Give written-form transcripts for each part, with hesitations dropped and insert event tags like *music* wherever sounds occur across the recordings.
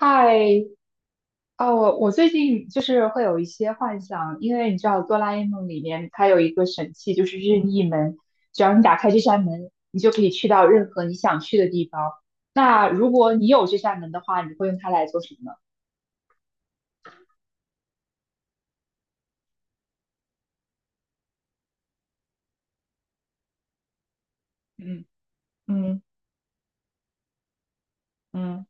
太啊，我最近就是会有一些幻想，因为你知道《哆啦 A 梦》里面它有一个神器，就是任意门，只要你打开这扇门，你就可以去到任何你想去的地方。那如果你有这扇门的话，你会用它来做什么呢？嗯嗯嗯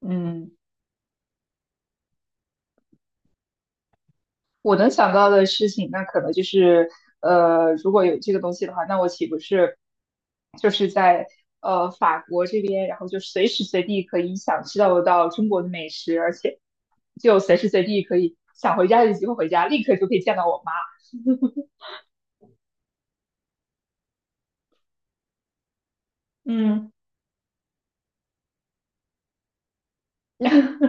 嗯，我能想到的事情，那可能就是，如果有这个东西的话，那我岂不是就是在法国这边，然后就随时随地可以享受到中国的美食，而且就随时随地可以想回家就机会回家，立刻就可以见到我妈。嗯 *laughs*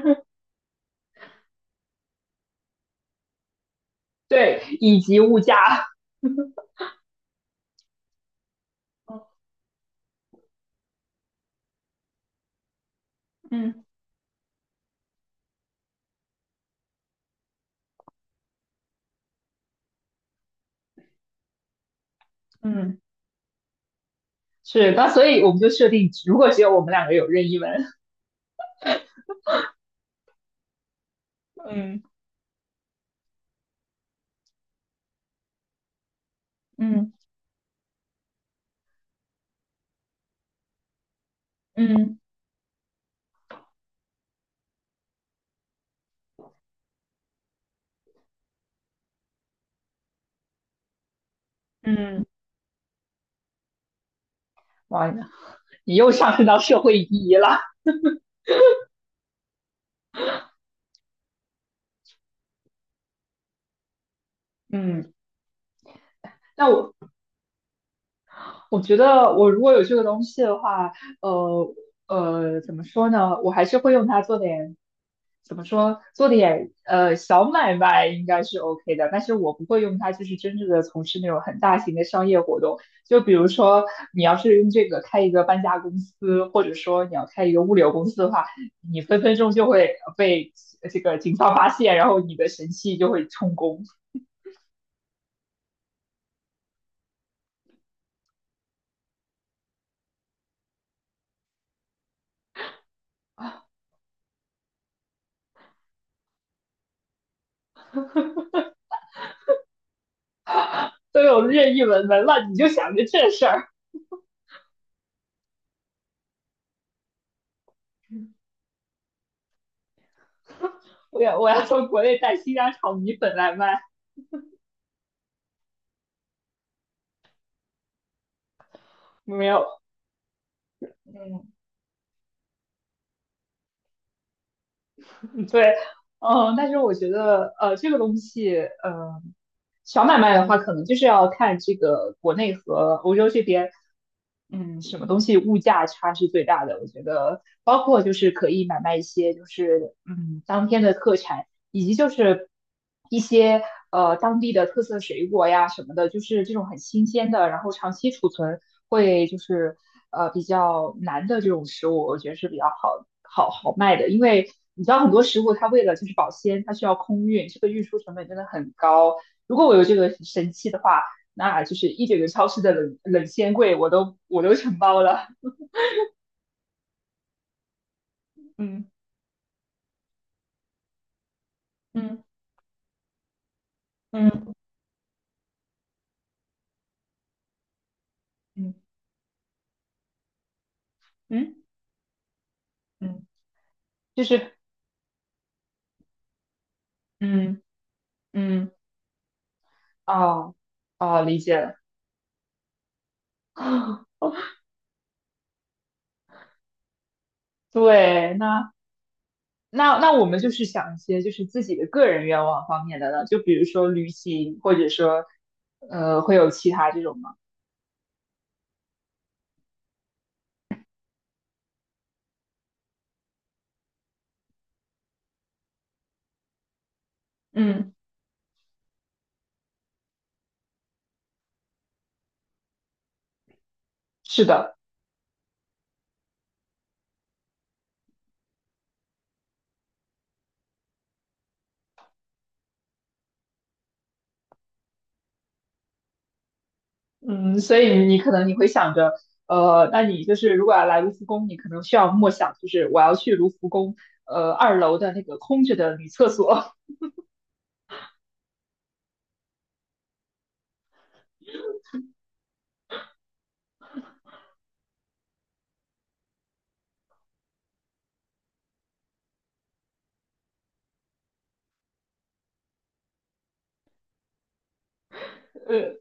对，以及物价 *laughs* 嗯嗯，是，那所以我们就设定，如果只有我们两个有任意门，*laughs* 嗯，嗯嗯嗯，哇，你又上升到社会意义了。嗯，那我觉得我如果有这个东西的话，呃怎么说呢？我还是会用它做点，怎么说，做点小买卖应该是 OK 的，但是我不会用它，就是真正的从事那种很大型的商业活动。就比如说，你要是用这个开一个搬家公司，或者说你要开一个物流公司的话，你分分钟就会被这个警方发现，然后你的神器就会充公，都有任意门了，你就想着这事儿。我要从国内带新疆炒米粉来卖，没有，嗯对，嗯，但是我觉得这个东西，小买卖的话，可能就是要看这个国内和欧洲这边，嗯，什么东西物价差是最大的。我觉得，包括就是可以买卖一些就是嗯当天的特产，以及就是一些当地的特色水果呀什么的，就是这种很新鲜的，然后长期储存会就是比较难的这种食物，我觉得是比较好卖的，因为你知道很多食物它为了就是保鲜，它需要空运，这个运输成本真的很高。如果我有这个神器的话，那就是一整个超市的冷鲜柜我都承包了。嗯嗯嗯嗯嗯嗯，就是嗯嗯，哦哦理解了，*laughs* 对，那。那那我们就是想一些就是自己的个人愿望方面的呢，就比如说旅行，或者说，呃，会有其他这种吗？嗯，是的，嗯，所以你可能你会想着，那你就是如果要来卢浮宫，你可能需要默想，就是我要去卢浮宫，二楼的那个空着的女厕所，*laughs* 呃，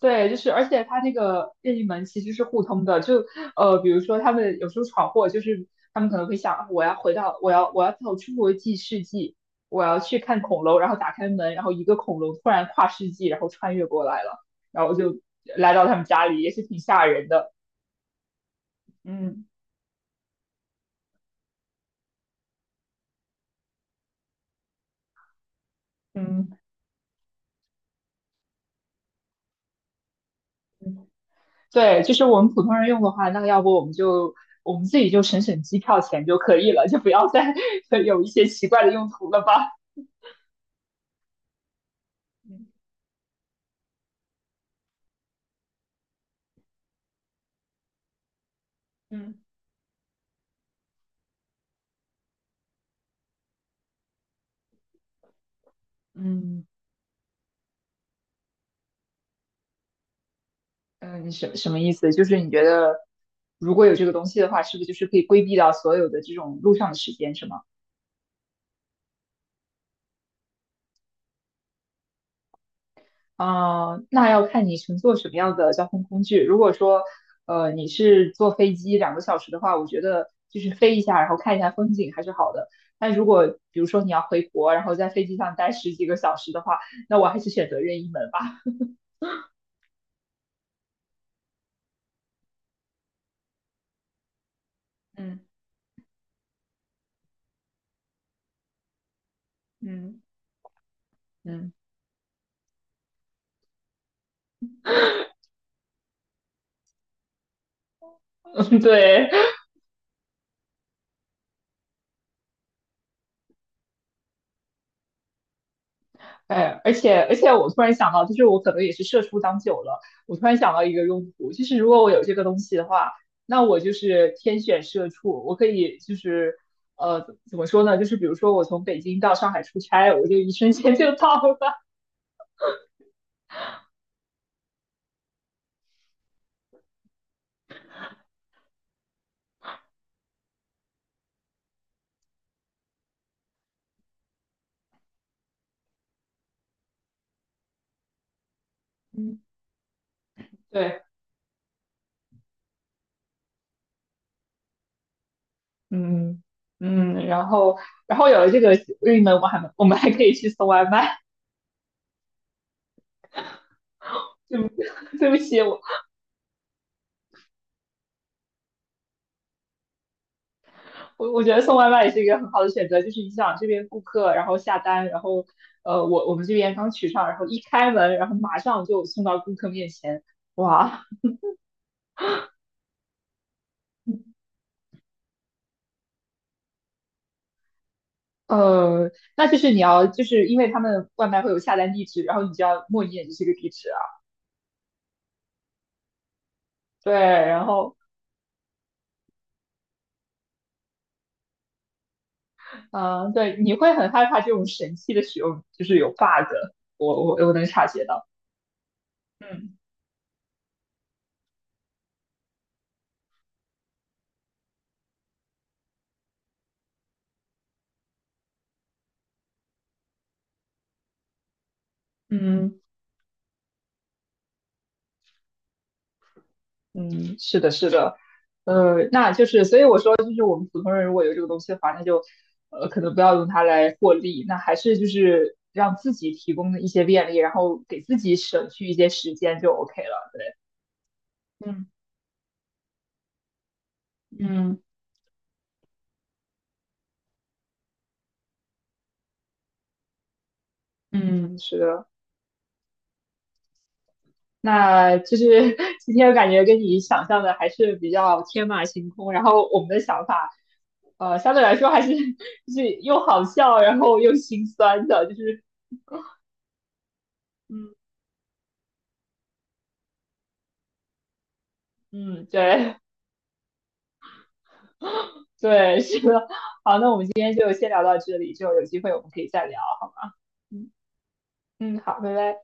对，就是，而且它那个任意门其实是互通的，就比如说他们有时候闯祸，就是他们可能会想，啊我要回到，我要走出国际世纪，我要去看恐龙，然后打开门，然后一个恐龙突然跨世纪，然后穿越过来了，然后就来到他们家里，也是挺吓人的。嗯嗯，对，就是我们普通人用的话，那要不我们就我们自己就省机票钱就可以了，就不要再 *laughs* 有一些奇怪的用途了吧。嗯嗯。嗯嗯，什么意思？就是你觉得如果有这个东西的话，是不是就是可以规避掉所有的这种路上的时间，是吗？啊、那要看你乘坐什么样的交通工具。如果说，你是坐飞机2个小时的话，我觉得就是飞一下，然后看一下风景还是好的。但如果比如说你要回国，然后在飞机上待十几个小时的话，那我还是选择任意门吧。嗯嗯，嗯，*laughs* 对。哎，而且，我突然想到，就是我可能也是社畜当久了，我突然想到一个用途，就是如果我有这个东西的话，那我就是天选社畜，我可以就是呃，怎么说呢？就是比如说我从北京到上海出差，我就一瞬间就到了。嗯对，嗯嗯，然后然后有了这个运能，我们还可以去送外卖。对不 *laughs* 对不起，我觉得送外卖也是一个很好的选择，就是你想这边顾客，然后下单，然后我们这边刚取上，然后一开门，然后马上就送到顾客面前，哇，呃，那就是你要就是因为他们外卖会有下单地址，然后你就要默念这是个地址啊，对，然后嗯、对，你会很害怕这种神器的使用就是有 bug，我能察觉到，嗯嗯。嗯，是的，是的，那就是，所以我说，就是我们普通人如果有这个东西的话，那就，可能不要用它来获利，那还是就是让自己提供一些便利，然后给自己省去一些时间就 OK 了。对，嗯嗯嗯嗯是的，那就是 *laughs* 今天感觉跟你想象的还是比较天马行空，然后我们的想法，相对来说还是 *laughs* 就是又好笑，然后又心酸的，就是。嗯嗯，对对，是的，好，那我们今天就先聊到这里，之后有机会我们可以再聊，好吗？嗯嗯，好，拜拜。